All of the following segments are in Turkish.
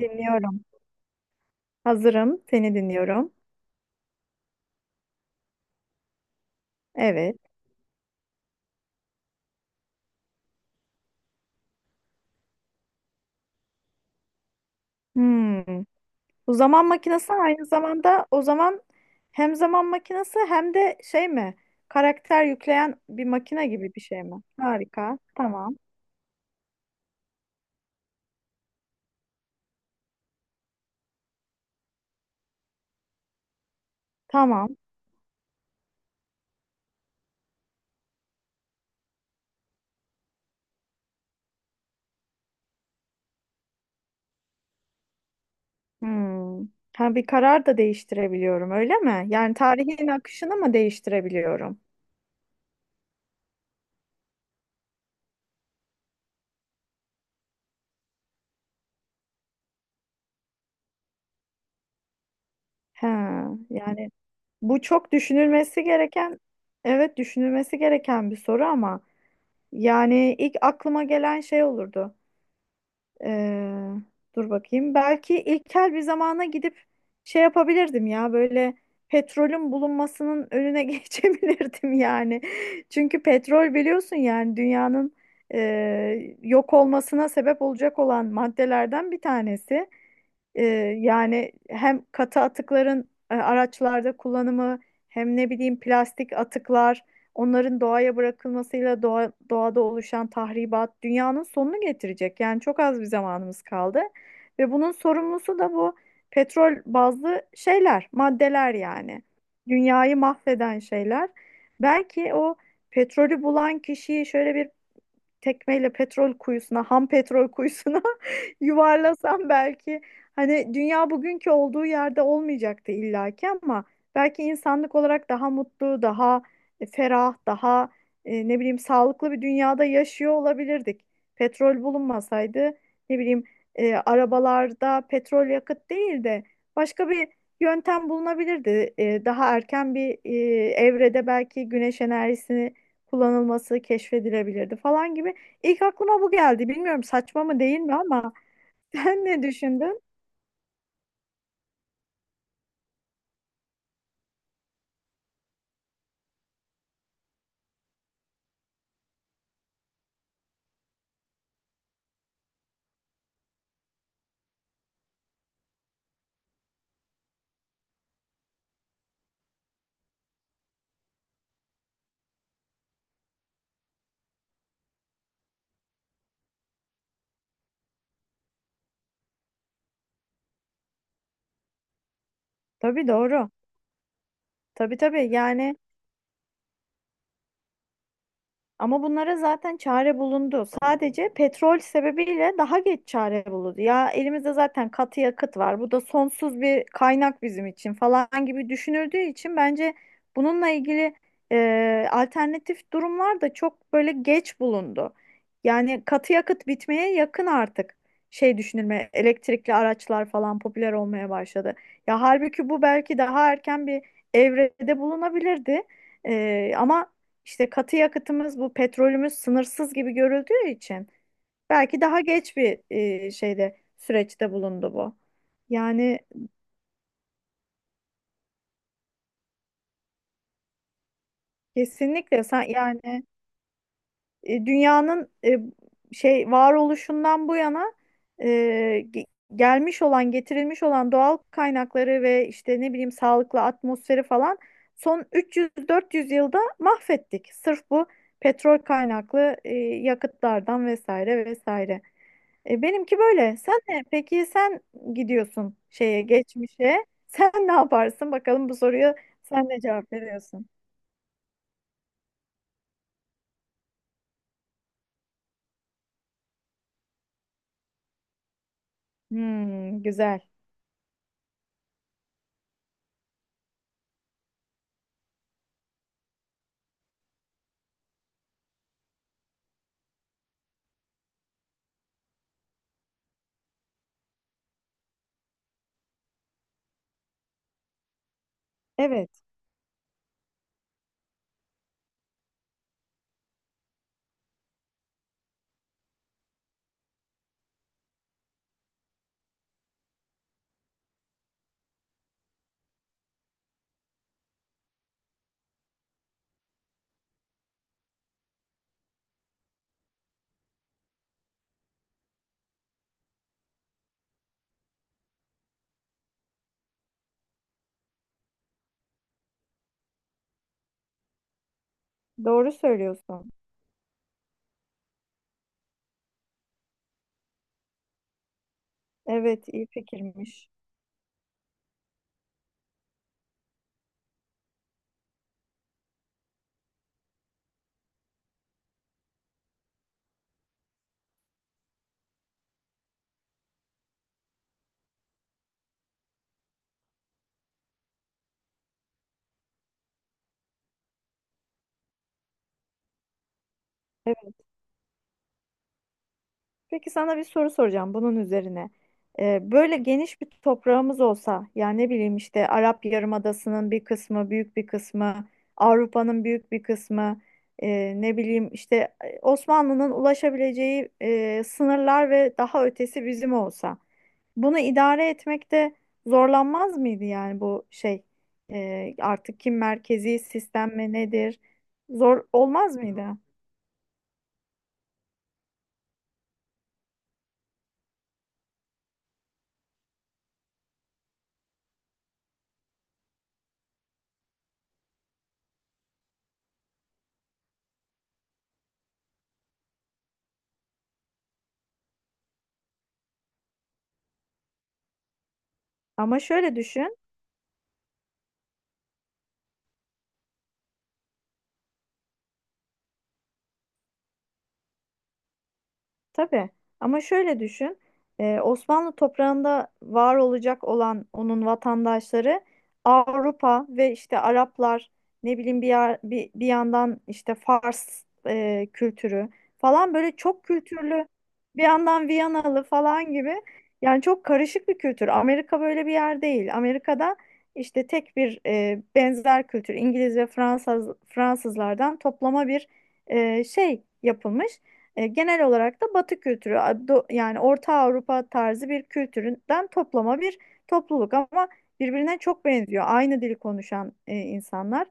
Dinliyorum. Hazırım. Seni dinliyorum. Evet. Hmm. Bu zaman makinesi aynı zamanda o zaman hem zaman makinesi hem de şey mi? Karakter yükleyen bir makine gibi bir şey mi? Harika. Tamam. Tamam. Hmm. Ha, bir karar da değiştirebiliyorum, öyle mi? Yani tarihin akışını mı değiştirebiliyorum? Ha, yani bu çok düşünülmesi gereken, evet düşünülmesi gereken bir soru ama yani ilk aklıma gelen şey olurdu. Ee, Dur bakayım. Belki ilkel bir zamana gidip şey yapabilirdim ya böyle petrolün bulunmasının önüne geçebilirdim yani. Çünkü petrol biliyorsun yani dünyanın e, yok olmasına sebep olacak olan maddelerden bir tanesi. Ee, Yani hem katı atıkların araçlarda kullanımı hem ne bileyim plastik atıklar onların doğaya bırakılmasıyla doğada oluşan tahribat dünyanın sonunu getirecek. Yani çok az bir zamanımız kaldı ve bunun sorumlusu da bu petrol bazlı şeyler, maddeler yani. Dünyayı mahveden şeyler. Belki o petrolü bulan kişiyi şöyle bir tekmeyle petrol kuyusuna, ham petrol kuyusuna yuvarlasam belki hani dünya bugünkü olduğu yerde olmayacaktı illaki ama belki insanlık olarak daha mutlu, daha ferah, daha ne bileyim sağlıklı bir dünyada yaşıyor olabilirdik. Petrol bulunmasaydı ne bileyim arabalarda petrol yakıt değil de başka bir yöntem bulunabilirdi. E, daha erken bir evrede belki güneş enerjisini kullanılması keşfedilebilirdi falan gibi İlk aklıma bu geldi. Bilmiyorum saçma mı değil mi ama sen ne düşündün? Tabii, doğru. Tabii, tabii yani ama bunlara zaten çare bulundu. Sadece petrol sebebiyle daha geç çare bulundu. Ya elimizde zaten katı yakıt var. Bu da sonsuz bir kaynak bizim için falan gibi düşünüldüğü için bence bununla ilgili alternatif durumlar da çok böyle geç bulundu. Yani katı yakıt bitmeye yakın artık şey düşünülme elektrikli araçlar falan popüler olmaya başladı. Ya halbuki bu belki daha erken bir evrede bulunabilirdi. Ama işte katı yakıtımız bu petrolümüz sınırsız gibi görüldüğü için belki daha geç bir şeyde süreçte bulundu bu. Yani kesinlikle sen yani dünyanın şey varoluşundan bu yana e, ge- gelmiş olan getirilmiş olan doğal kaynakları ve işte ne bileyim sağlıklı atmosferi falan son 300-400 yılda mahvettik. Sırf bu petrol kaynaklı yakıtlardan vesaire vesaire. Benimki böyle. Sen ne? Peki sen gidiyorsun şeye, geçmişe. Sen ne yaparsın? Bakalım bu soruya sen ne cevap veriyorsun? Hmm, güzel. Evet, doğru söylüyorsun. Evet, iyi fikirmiş. Peki sana bir soru soracağım bunun üzerine. Böyle geniş bir toprağımız olsa, yani ne bileyim işte Arap Yarımadası'nın bir kısmı, büyük bir kısmı, Avrupa'nın büyük bir kısmı, ne bileyim işte Osmanlı'nın ulaşabileceği sınırlar ve daha ötesi bizim olsa, bunu idare etmekte zorlanmaz mıydı yani bu şey artık kim merkezi sistem mi nedir? Zor olmaz mıydı? Ama şöyle düşün. Tabii. Ama şöyle düşün. Osmanlı toprağında var olacak olan onun vatandaşları Avrupa ve işte Araplar ne bileyim bir yandan işte Fars kültürü falan böyle çok kültürlü bir yandan Viyanalı falan gibi yani çok karışık bir kültür. Amerika böyle bir yer değil. Amerika'da işte tek bir benzer kültür İngiliz ve Fransızlardan toplama bir şey yapılmış. E, genel olarak da Batı kültürü yani Orta Avrupa tarzı bir kültürden toplama bir topluluk ama birbirine çok benziyor. Aynı dili konuşan insanlar.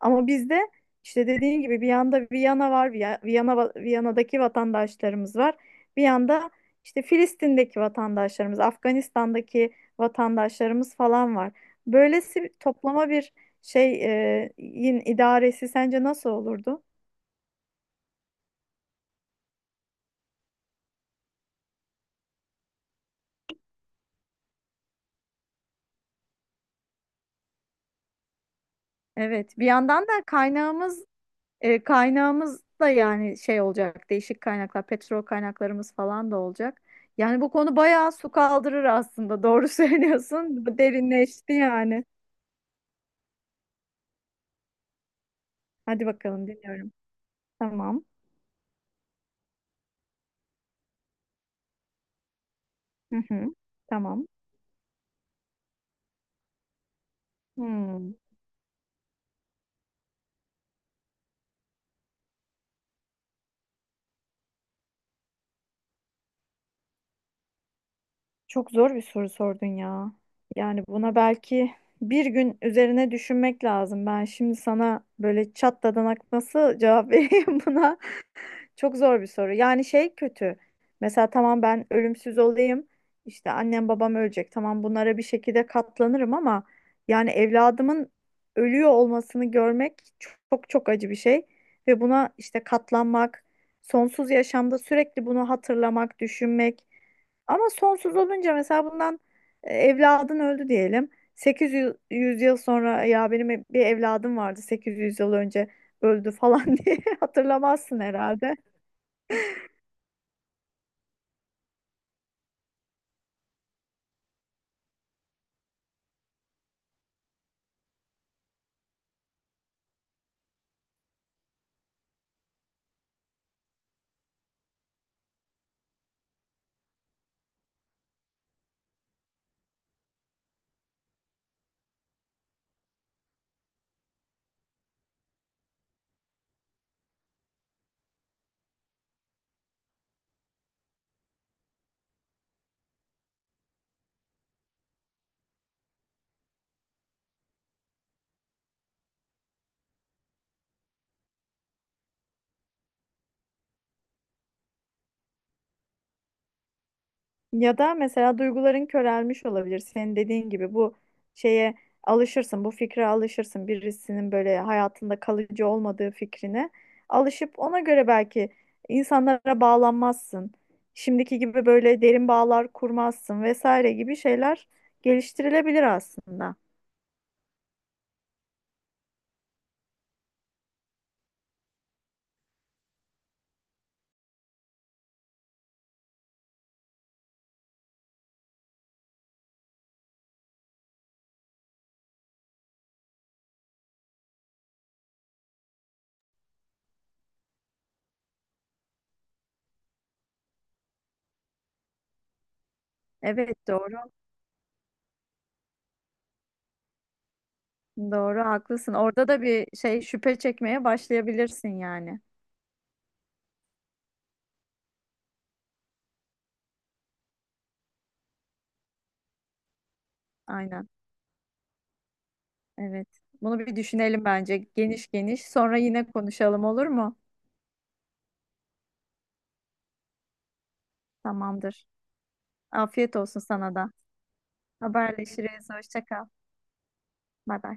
Ama bizde işte dediğin gibi bir yanda Viyana var, Viyana Viyana'daki vatandaşlarımız var. Bir yanda işte Filistin'deki vatandaşlarımız, Afganistan'daki vatandaşlarımız falan var. Böylesi bir toplama bir şey yin idaresi sence nasıl olurdu? Evet, bir yandan da kaynağımız kaynağımız da yani şey olacak, değişik kaynaklar, petrol kaynaklarımız falan da olacak. Yani bu konu bayağı su kaldırır aslında. Doğru söylüyorsun. Bu derinleşti yani. Hadi bakalım dinliyorum. Tamam. Hı hı. Tamam. Hmm. Çok zor bir soru sordun ya. Yani buna belki bir gün üzerine düşünmek lazım. Ben şimdi sana böyle çat dadan nasıl cevap vereyim buna? Çok zor bir soru. Yani şey kötü. Mesela tamam ben ölümsüz olayım. İşte annem babam ölecek. Tamam bunlara bir şekilde katlanırım ama yani evladımın ölüyor olmasını görmek çok çok acı bir şey. Ve buna işte katlanmak, sonsuz yaşamda sürekli bunu hatırlamak, düşünmek. Ama sonsuz olunca mesela bundan evladın öldü diyelim. 800 yüz yıl sonra ya benim bir evladım vardı 800 yıl önce öldü falan diye hatırlamazsın herhalde. Ya da mesela duyguların körelmiş olabilir. Senin dediğin gibi bu şeye alışırsın, bu fikre alışırsın. Birisinin böyle hayatında kalıcı olmadığı fikrine alışıp ona göre belki insanlara bağlanmazsın. Şimdiki gibi böyle derin bağlar kurmazsın vesaire gibi şeyler geliştirilebilir aslında. Evet doğru. Doğru haklısın. Orada da bir şey şüphe çekmeye başlayabilirsin yani. Aynen. Evet. Bunu bir düşünelim bence geniş geniş. Sonra yine konuşalım olur mu? Tamamdır. Afiyet olsun sana da. Haberleşiriz. Hoşça kal. Bay bay.